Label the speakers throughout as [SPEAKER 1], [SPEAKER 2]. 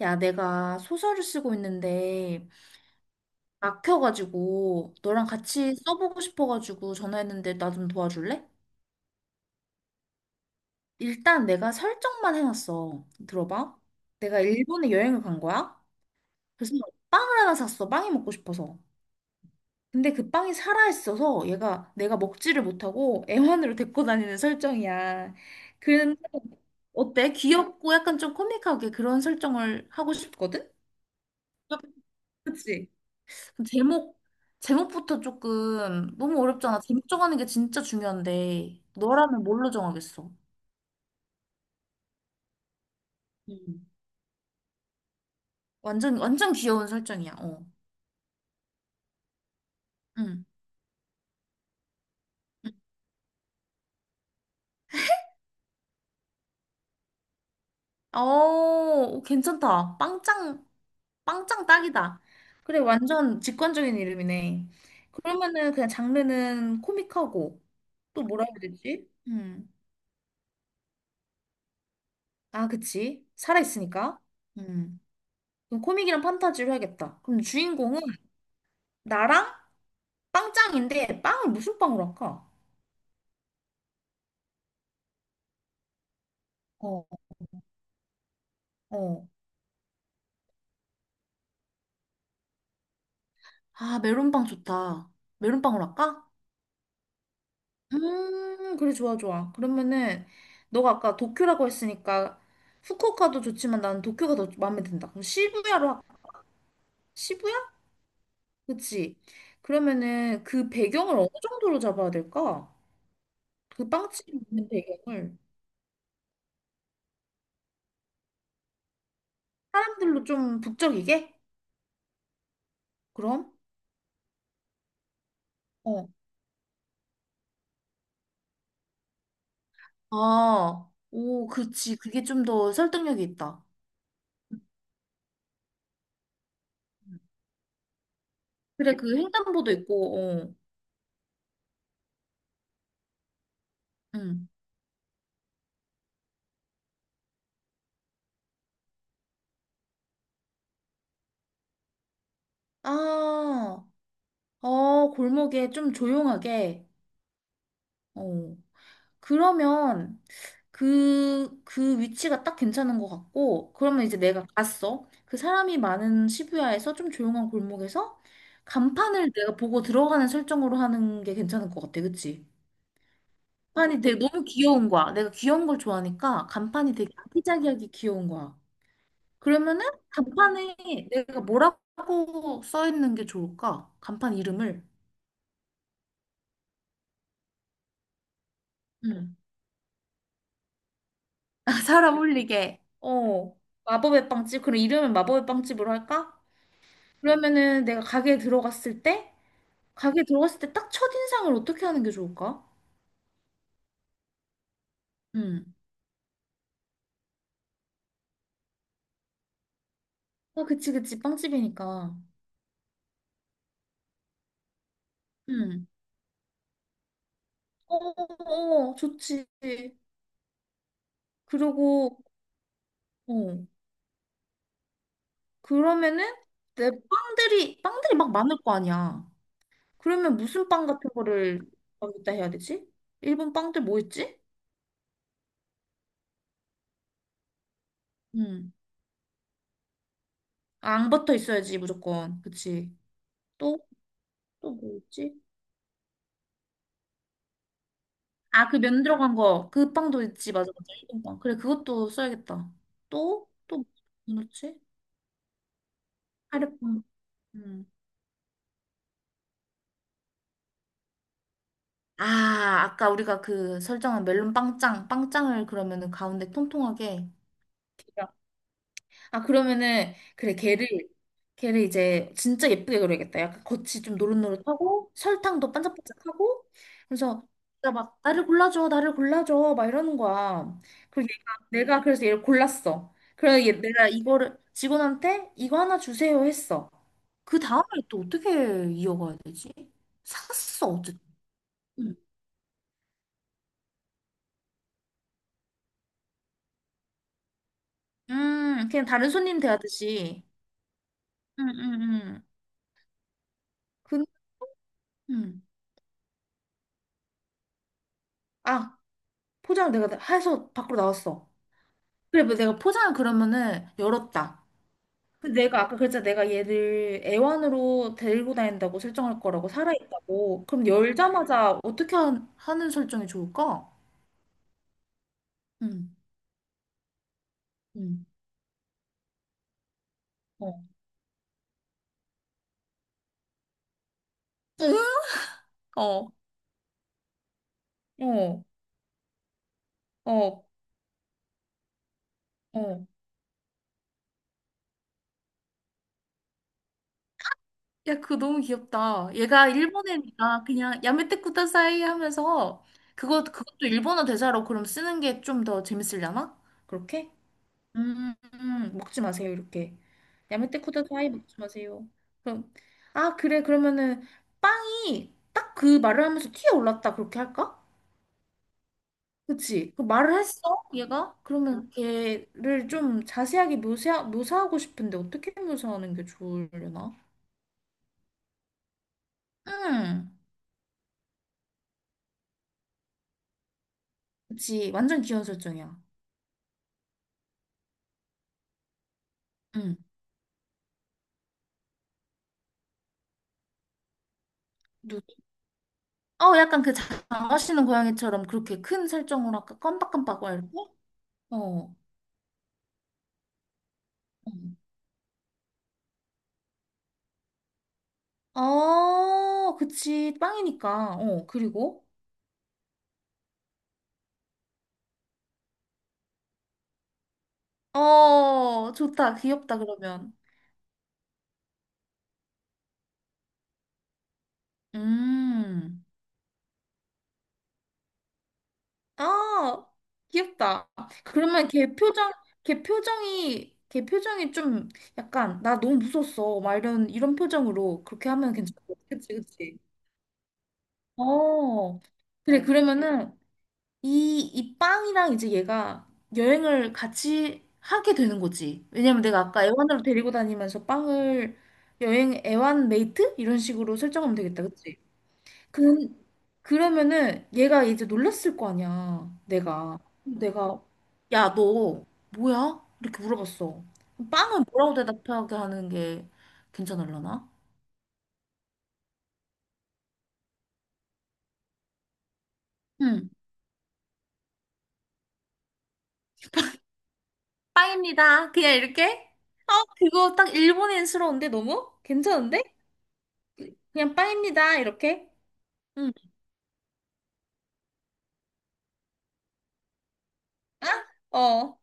[SPEAKER 1] 야, 내가 소설을 쓰고 있는데 막혀가지고 너랑 같이 써보고 싶어가지고 전화했는데 나 좀 도와줄래? 일단 내가 설정만 해놨어. 들어봐. 내가 일본에 여행을 간 거야. 그래서 빵을 하나 샀어. 빵이 먹고 싶어서. 근데 그 빵이 살아있어서 얘가 내가 먹지를 못하고 애완으로 데리고 다니는 설정이야. 근데 어때? 귀엽고 약간 좀 코믹하게 그런 설정을 하고 싶거든? 그치? 그 제목, 제목부터 조금 너무 어렵잖아. 제목 정하는 게 진짜 중요한데, 너라면 뭘로 정하겠어? 음. 완전, 완전 귀여운 설정이야, 어. 응. 응. 어, 괜찮다. 빵짱, 빵짱 딱이다. 그래, 완전 직관적인 이름이네. 그러면은 그냥 장르는 코믹하고, 또 뭐라 해야 되지? 아, 그치. 살아있으니까. 음. 그럼 코믹이랑 판타지로 해야겠다. 그럼 주인공은 나랑 빵짱인데 빵을 무슨 빵으로 할까? 어. 어. 아, 메론빵 좋다. 메론빵으로 할까? 그래, 좋아, 좋아. 그러면은, 너가 아까 도쿄라고 했으니까, 후쿠오카도 좋지만 나는 도쿄가 더 마음에 든다. 그럼 시부야로 할까? 시부야? 그치? 그러면은 그 배경을 어느 정도로 잡아야 될까? 그 빵집 있는 배경을 사람들로 좀 북적이게? 그럼? 어. 아, 오, 그치. 그게 좀 더 설득력이 있다. 그래, 그 횡단보도 있고, 어. 응. 아, 어, 골목에 좀 조용하게. 어. 그러면 그, 그 위치가 딱 괜찮은 것 같고, 그러면 이제 내가 갔어. 그 사람이 많은 시부야에서 좀 조용한 골목에서 간판을 내가 보고 들어가는 설정으로 하는 게 괜찮을 것 같아. 그치? 간판이 되게 너무 귀여운 거야. 내가 귀여운 걸 좋아하니까 간판이 되게 아기자기하게 귀여운 거야. 그러면은 간판에 내가 뭐라고 써 있는 게 좋을까? 간판 이름을. 응. 사람 올리게. 어. 마법의 빵집. 그럼 이름을 마법의 빵집으로 할까? 그러면은 내가 가게에 들어갔을 때, 가게에 들어갔을 때 딱 첫인상을 어떻게 하는 게 좋을까? 응. 아, 그치, 그치. 빵집이니까. 응. 어, 어, 어, 어. 좋지. 그리고, 어. 그러면은 내 빵들이, 빵들이 막 많을 거 아니야. 그러면 무슨 빵 같은 거를 어기다 해야 되지? 일본 빵들 뭐 있지? 음. 아, 앙버터 있어야지, 무조건. 그치. 또, 또 뭐 있지? 아, 그 면 들어간 거. 그 빵도 있지. 맞아, 맞아. 일본 빵. 그래, 그것도 써야겠다. 또, 또, 뭐 넣지? 카레빵. 음. 아, 아까 우리가 그 설정한 멜론 빵짱. 빵짱을 그러면은 가운데 통통하게. 아, 그러면은, 그래, 걔를, 걔를 이제 진짜 예쁘게 그려야겠다. 약간 겉이 좀 노릇노릇하고, 설탕도 반짝반짝하고, 그래서, 진짜 막, 나를 골라줘, 나를 골라줘, 막 이러는 거야. 그리고 얘가, 내가 그래서 얘를 골랐어. 그래서 얘, 내가 이거를 직원한테 이거 하나 주세요 했어. 그 다음에 또 어떻게 이어가야 되지? 샀어, 어쨌든. 음, 그냥 다른 손님 대하듯이. 음, 음, 음. 그, 음. 아, 포장을 내가 다 해서 밖으로 나왔어. 그래, 뭐 내가 포장을 그러면은 열었다. 근데 내가 아까 그랬잖아. 내가 얘를 애완으로 데리고 다닌다고 설정할 거라고, 살아있다고. 그럼 열자마자 어떻게 하는 설정이 좋을까? 응, 응, 어. 어, 어, 어, 어. 야, 그거 너무 귀엽다. 얘가 일본애니까 그냥 야메테쿠타 사이 하면서 그거, 그것도 일본어 대사로 그럼 쓰는 게 좀 더 재밌으려나? 그렇게? 먹지 마세요, 이렇게. 야메테쿠다 사이 먹지 마세요. 그럼, 아, 그래, 그러면은, 빵이 딱 그 말을 하면서 튀어올랐다, 그렇게 할까? 그치? 그 말을 했어, 얘가? 그러면 걔를 좀 자세하게 묘사, 묘사하고 싶은데, 어떻게 묘사하는 게 좋으려나? 음, 그치. 완전 귀여운 설정이야. 음. 누, 어, 약간 그 장화시는 고양이처럼 그렇게 큰 설정으로 아까 깜빡깜빡 이렇게? 어. 어. 어, 그치. 빵이니까. 어, 그리고? 어, 좋다. 귀엽다, 그러면. 음. 아, 귀엽다. 그러면 걔 표정, 걔 표정이, 걔 표정이 좀 약간, 나 너무 무서웠어. 막 이런, 이런 표정으로 그렇게 하면 괜찮아. 그치, 그치. 어. 그래, 그러면은 이, 이 빵이랑 이제 얘가 여행을 같이 하게 되는 거지. 왜냐면 내가 아까 애완으로 데리고 다니면서 빵을 여행 애완 메이트? 이런 식으로 설정하면 되겠다, 그치? 그, 그러면은 얘가 이제 놀랐을 거 아니야, 내가. 내가, 야, 너 뭐야? 이렇게 물어봤어. 빵은 뭐라고 대답하게 하는 게 괜찮을라나? 응, 빵입니다. 그냥 이렇게? 아, 그거 딱 일본인스러운데 너무? 괜찮은데? 그냥 빵입니다. 이렇게? 응. 어,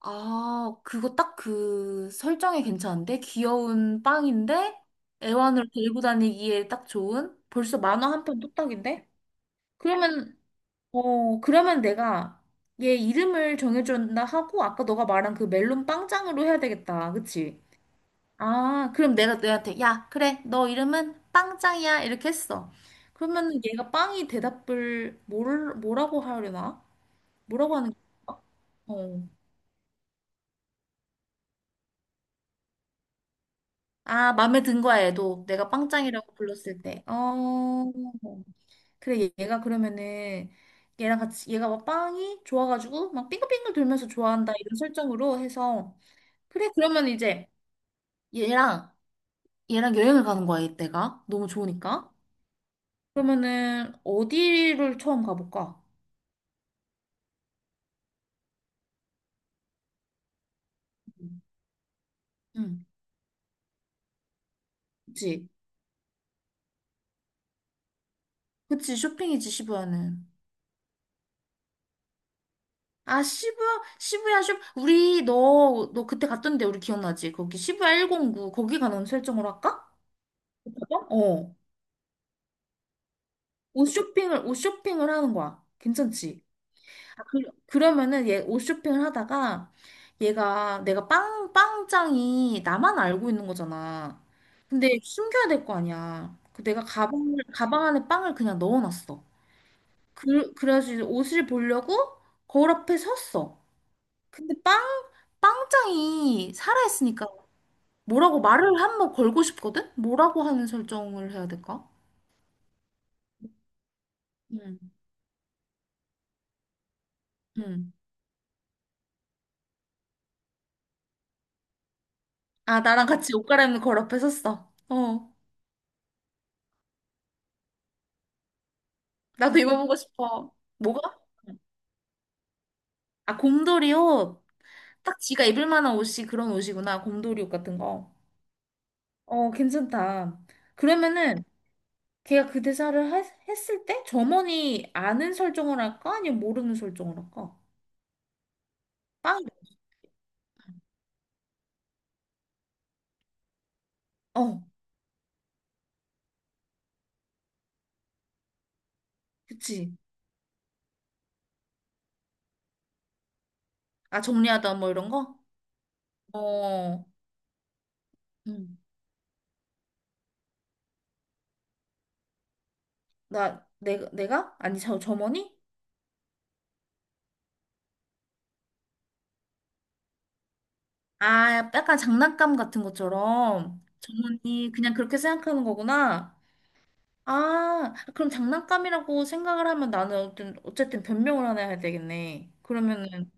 [SPEAKER 1] 아, 그거 딱 그 설정이 괜찮은데? 귀여운 빵인데 애완으로 데리고 다니기에 딱 좋은? 벌써 만화 한 편 뚝딱인데? 그러면, 어, 그러면 내가 얘 이름을 정해준다 하고, 아까 너가 말한 그 멜론 빵짱으로 해야 되겠다. 그치? 아, 그럼 내가 너한테 야, 그래. 너 이름은 빵짱이야. 이렇게 했어. 그러면 얘가 빵이 대답을 뭘, 뭐라고 하려나? 뭐라고 하는 거야? 어. 아, 마음에 든 거야, 얘도. 내가 빵짱이라고 불렀을 때. 어. 그래, 얘가 그러면은, 얘랑 같이, 얘가 막 빵이 좋아가지고, 막 빙글빙글 돌면서 좋아한다, 이런 설정으로 해서. 그래, 그러면 이제, 얘랑, 얘랑 여행을 가는 거야, 이때가. 너무 좋으니까. 그러면은, 어디를 처음 가볼까? 응, 그치. 그치, 쇼핑이지, 시부야는. 아, 시부야, 시부야 쇼. 우리 너, 너 그때 갔던데 우리 기억나지? 거기 시부야 109 거기 가는 설정으로 할까? 맞아? 어. 옷 쇼핑을, 옷 쇼핑을 하는 거야. 괜찮지? 아, 그, 그러면은 얘 옷 쇼핑을 하다가 얘가 내가 빵, 빵장이 나만 알고 있는 거잖아. 근데 숨겨야 될 거 아니야. 그 내가 가방을, 가방 안에 빵을 그냥 넣어놨어. 그, 그래가지고 이제 옷을 보려고 거울 앞에 섰어. 근데 빵, 빵장이 살아있으니까 뭐라고 말을 한번 걸고 싶거든? 뭐라고 하는 설정을 해야 될까? 응, 응. 아, 나랑 같이 옷 갈아입는 걸 앞에 섰어. 어, 나도 입어보고 싶어. 뭐가? 아, 곰돌이 옷. 딱 지가 입을 만한 옷이 그런 옷이구나. 곰돌이 옷 같은 거. 어, 괜찮다. 그러면은 걔가 그 대사를 했, 했을 때 점원이 아는 설정을 할까? 아니면 모르는 설정을 할까? 빵. 어, 그치. 아, 정리하다 뭐 이런 거? 어. 응. 나, 내가, 내가? 아니, 저, 점원이? 아, 약간 장난감 같은 것처럼. 점원이 그냥 그렇게 생각하는 거구나. 아, 그럼 장난감이라고 생각을 하면 나는 어쨌든, 어쨌든 변명을 하나 해야 되겠네. 그러면은,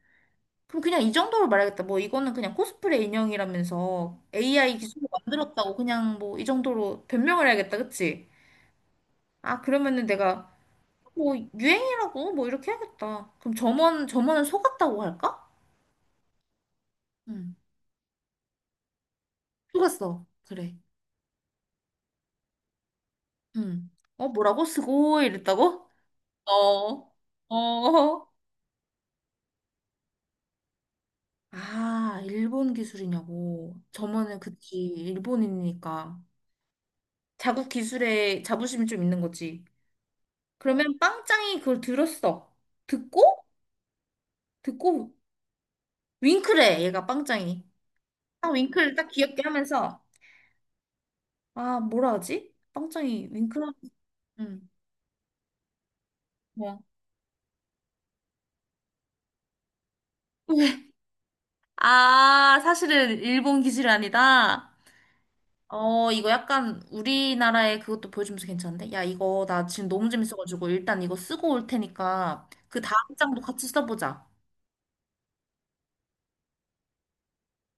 [SPEAKER 1] 그럼 그냥 이 정도로 말하겠다. 뭐, 이거는 그냥 코스프레 인형이라면서 AI 기술로 만들었다고 그냥 뭐, 이 정도로 변명을 해야겠다. 그치? 아, 그러면은 내가 뭐, 유행이라고 뭐, 이렇게 해야겠다. 그럼 점원, 점원은 속았다고 할까? 응. 속았어. 그래. 응. 어, 뭐라고? 스고 이랬다고? 어, 어, 아, 일본 기술이냐고. 저만은 그치, 일본인이니까. 자국 기술에 자부심이 좀 있는 거지. 그러면 빵짱이 그걸 들었어. 듣고, 듣고, 윙크래, 얘가 빵짱이. 딱 윙크를 딱 귀엽게 하면서, 아, 뭐라 하지? 빵짱이 윙크라? 응, 뭐. 아, 사실은 일본 기술이 아니다. 어, 이거 약간 우리나라의 그것도 보여주면서 괜찮은데? 야, 이거 나 지금 너무 재밌어가지고 일단 이거 쓰고 올 테니까 그 다음 장도 같이 써보자.